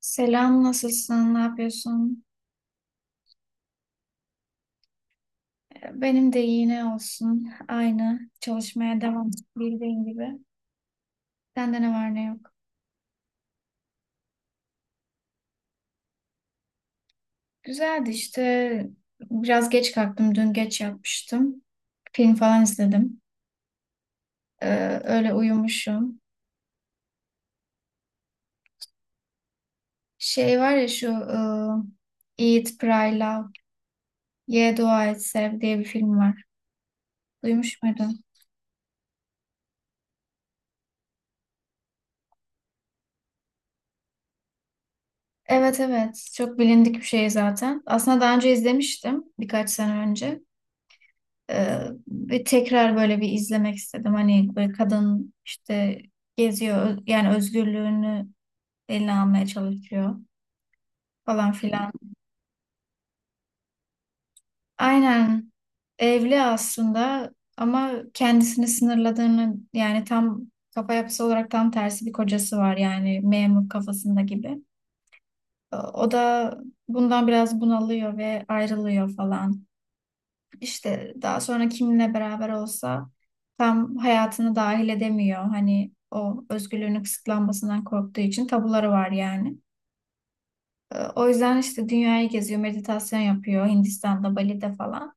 Selam, nasılsın? Ne yapıyorsun? Benim de iyi ne olsun. Aynı. Çalışmaya devam bildiğin gibi. Sende ne var ne yok. Güzeldi işte. Biraz geç kalktım. Dün geç yapmıştım. Film falan izledim. Öyle uyumuşum. Şey var ya şu Eat, Pray, Love, Ye, Dua Et, Sev diye bir film var. Duymuş muydun? Evet evet. Çok bilindik bir şey zaten. Aslında daha önce izlemiştim. Birkaç sene önce. Ee, ve tekrar böyle bir izlemek istedim. Hani böyle kadın işte geziyor yani özgürlüğünü eline almaya çalışıyor falan filan. Aynen, evli aslında ama kendisini sınırladığını, yani tam kafa yapısı olarak tam tersi bir kocası var, yani memur kafasında gibi. O da bundan biraz bunalıyor ve ayrılıyor falan. İşte daha sonra kiminle beraber olsa tam hayatını dahil edemiyor. Hani o özgürlüğünün kısıtlanmasından korktuğu için tabuları var yani. O yüzden işte dünyayı geziyor, meditasyon yapıyor Hindistan'da, Bali'de falan.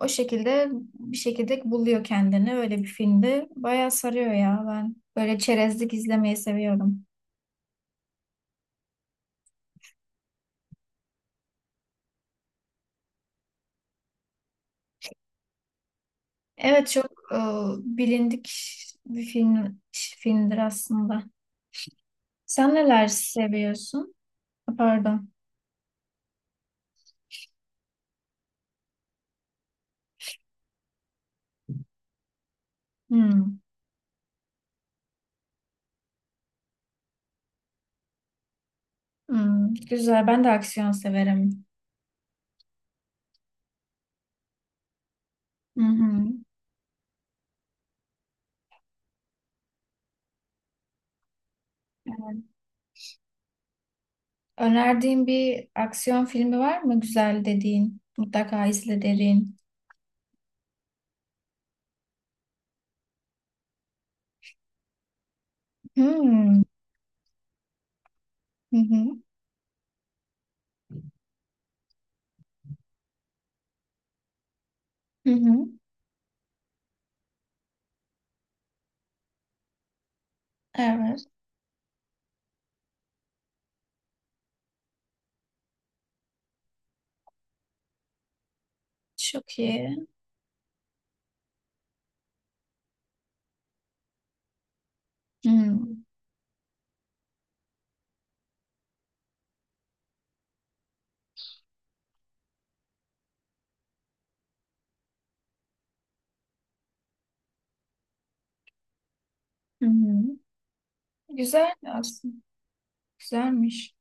O şekilde bir şekilde buluyor kendini. Öyle bir filmde bayağı sarıyor ya. Ben böyle çerezlik izlemeyi seviyorum. Evet, çok bilindik bir film filmdir aslında. Sen neler seviyorsun? Pardon. Hmm. Hmm, güzel. Ben de aksiyon severim. Hı hı. Evet. Önerdiğin bir aksiyon filmi var mı güzel dediğin? Mutlaka izle derin. Hmm. Hı hı. Hı hı. Evet. Çok iyi. Hmm. Hı hı. Güzel aslında. Güzelmiş.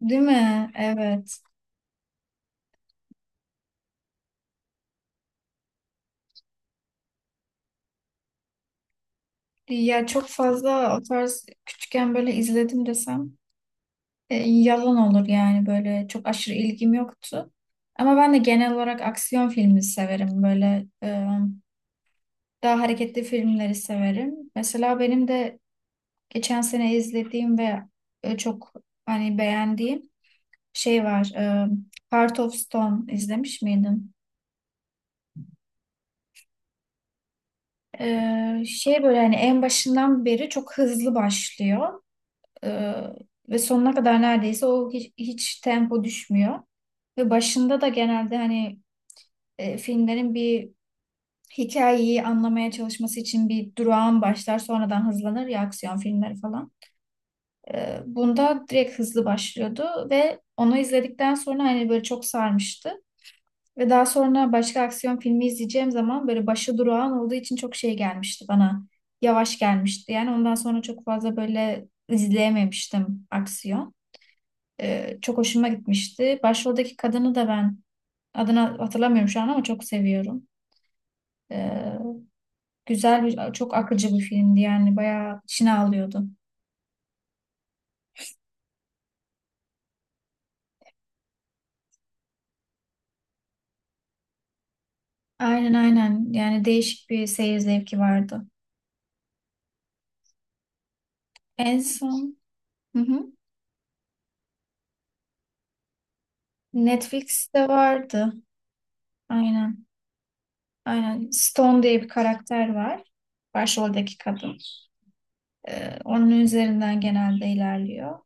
Değil mi? Evet. Ya çok fazla o tarz küçükken böyle izledim desem, yalan olur yani. Böyle çok aşırı ilgim yoktu. Ama ben de genel olarak aksiyon filmi severim. Böyle daha hareketli filmleri severim. Mesela benim de geçen sene izlediğim ve çok hani beğendiğim şey var. Heart of Stone izlemiş miydin? Şey böyle hani en başından beri çok hızlı başlıyor. E, ve sonuna kadar neredeyse o hiç tempo düşmüyor. Ve başında da genelde hani filmlerin bir hikayeyi anlamaya çalışması için bir durağan başlar, sonradan hızlanır ya aksiyon filmleri falan. Bunda direkt hızlı başlıyordu ve onu izledikten sonra hani böyle çok sarmıştı. Ve daha sonra başka aksiyon filmi izleyeceğim zaman böyle başı durağan olduğu için çok şey gelmişti bana. Yavaş gelmişti. Yani ondan sonra çok fazla böyle izleyememiştim aksiyon. Çok hoşuma gitmişti. Başroldeki kadını da ben adını hatırlamıyorum şu an, ama çok seviyorum. E, Güzel bir, çok akıcı bir filmdi yani. Bayağı içine alıyordu. Aynen aynen. Yani değişik bir seyir zevki vardı. En son, hı hı. Netflix'te vardı. Aynen. Aynen. Stone diye bir karakter var. Başroldeki kadın. Onun üzerinden genelde ilerliyor.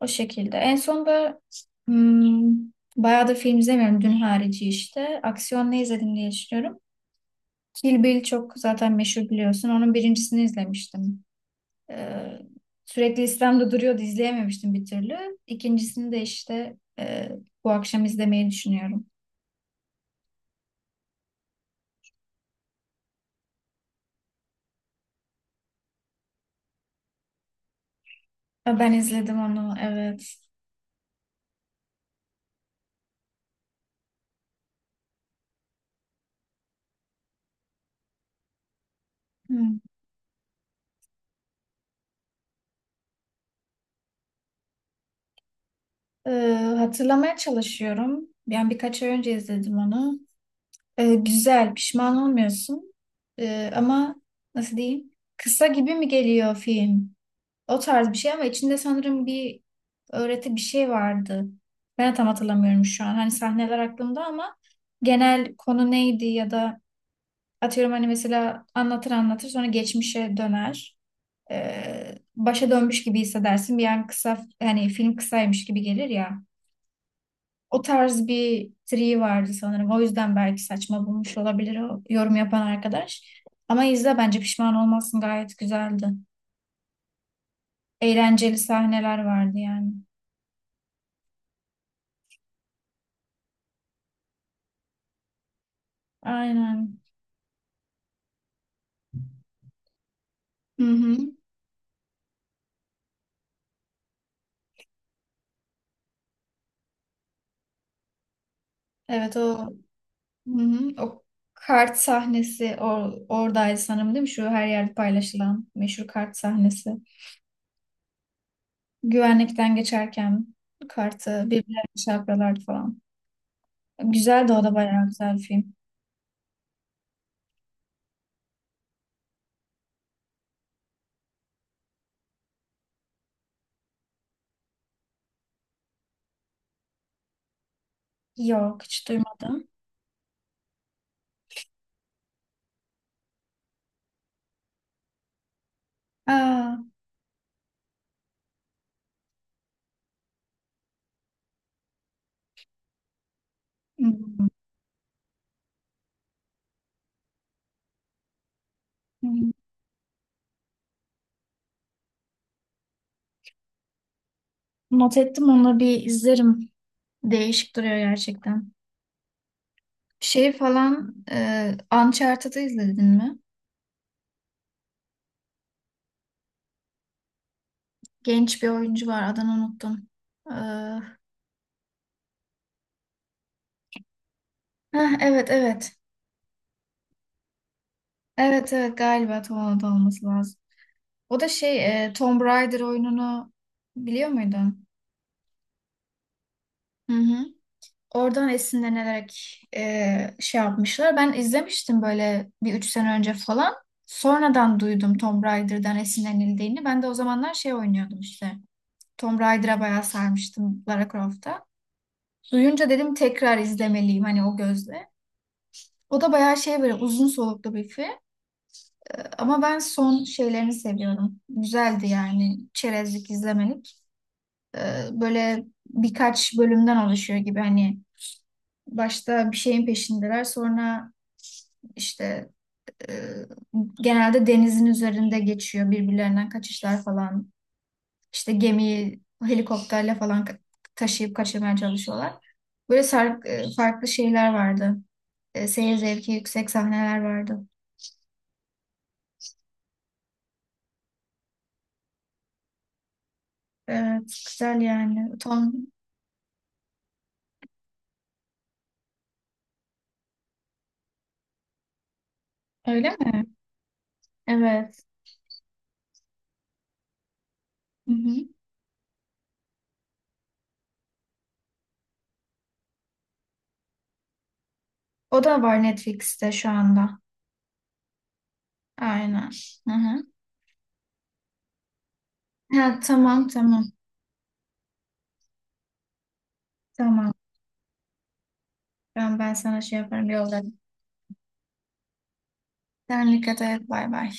O şekilde. En son da hmm, bayağı da film izlemiyorum. Dün harici işte. Aksiyon ne izledim diye düşünüyorum. Kill Bill çok zaten meşhur, biliyorsun. Onun birincisini izlemiştim. Ee, sürekli listemde duruyordu, izleyememiştim bir türlü. İkincisini de işte bu akşam izlemeyi düşünüyorum. Ha, ben izledim onu, evet. Hı. Ee, hatırlamaya çalışıyorum. Yani birkaç ay önce izledim onu. Güzel, pişman olmuyorsun. Ama nasıl diyeyim? Kısa gibi mi geliyor film? O tarz bir şey, ama içinde sanırım bir öğreti, bir şey vardı. Ben de tam hatırlamıyorum şu an. Hani sahneler aklımda, ama genel konu neydi ya da... Atıyorum hani, mesela anlatır anlatır sonra geçmişe döner. Başa dönmüş gibi hissedersin. Bir an kısa, hani film kısaymış gibi gelir ya. O tarz bir triği vardı sanırım. O yüzden belki saçma bulmuş olabilir o yorum yapan arkadaş. Ama izle, bence pişman olmazsın, gayet güzeldi. Eğlenceli sahneler vardı yani. Aynen. Hı hı. Evet, o, hı hı. O kart sahnesi oradaydı sanırım, değil mi? Şu her yerde paylaşılan meşhur kart sahnesi. Güvenlikten geçerken kartı birbirlerine çarpıyorlardı falan. Güzeldi, o da bayağı güzel bir film. Yok, hiç duymadım. Aa, hmm, hmm. Not ettim, onu bir izlerim. Değişik duruyor gerçekten. Şey falan Uncharted'ı izledin mi? Genç bir oyuncu var, adını unuttum. Ee, evet evet. Evet evet, galiba Tom Holland olması lazım. O da şey Tomb Raider oyununu biliyor muydun? Hı hı. Oradan esinlenerek şey yapmışlar. Ben izlemiştim böyle bir 3 sene önce falan. Sonradan duydum Tomb Raider'dan esinlenildiğini. Ben de o zamanlar şey oynuyordum işte. Tomb Raider'a bayağı sarmıştım, Lara Croft'a. Duyunca dedim tekrar izlemeliyim hani o gözle. O da bayağı şey, böyle uzun soluklu bir film. Ama ben son şeylerini seviyorum. Güzeldi yani, çerezlik izlemelik. E, böyle birkaç bölümden oluşuyor gibi hani. Başta bir şeyin peşindeler. Sonra işte e, genelde denizin üzerinde geçiyor. Birbirlerinden kaçışlar falan. İşte gemiyi helikopterle falan taşıyıp kaçırmaya çalışıyorlar. Böyle farklı şeyler vardı. Seyir zevki yüksek sahneler vardı. Evet, güzel yani. Tom, öyle mi? Evet. Hı hı. O da var Netflix'te şu anda. Aynen. Hı hı. Ha, tamam tamam. Tamam. Ben sana şey yaparım yolda. Sen dikkat et. Bay bay.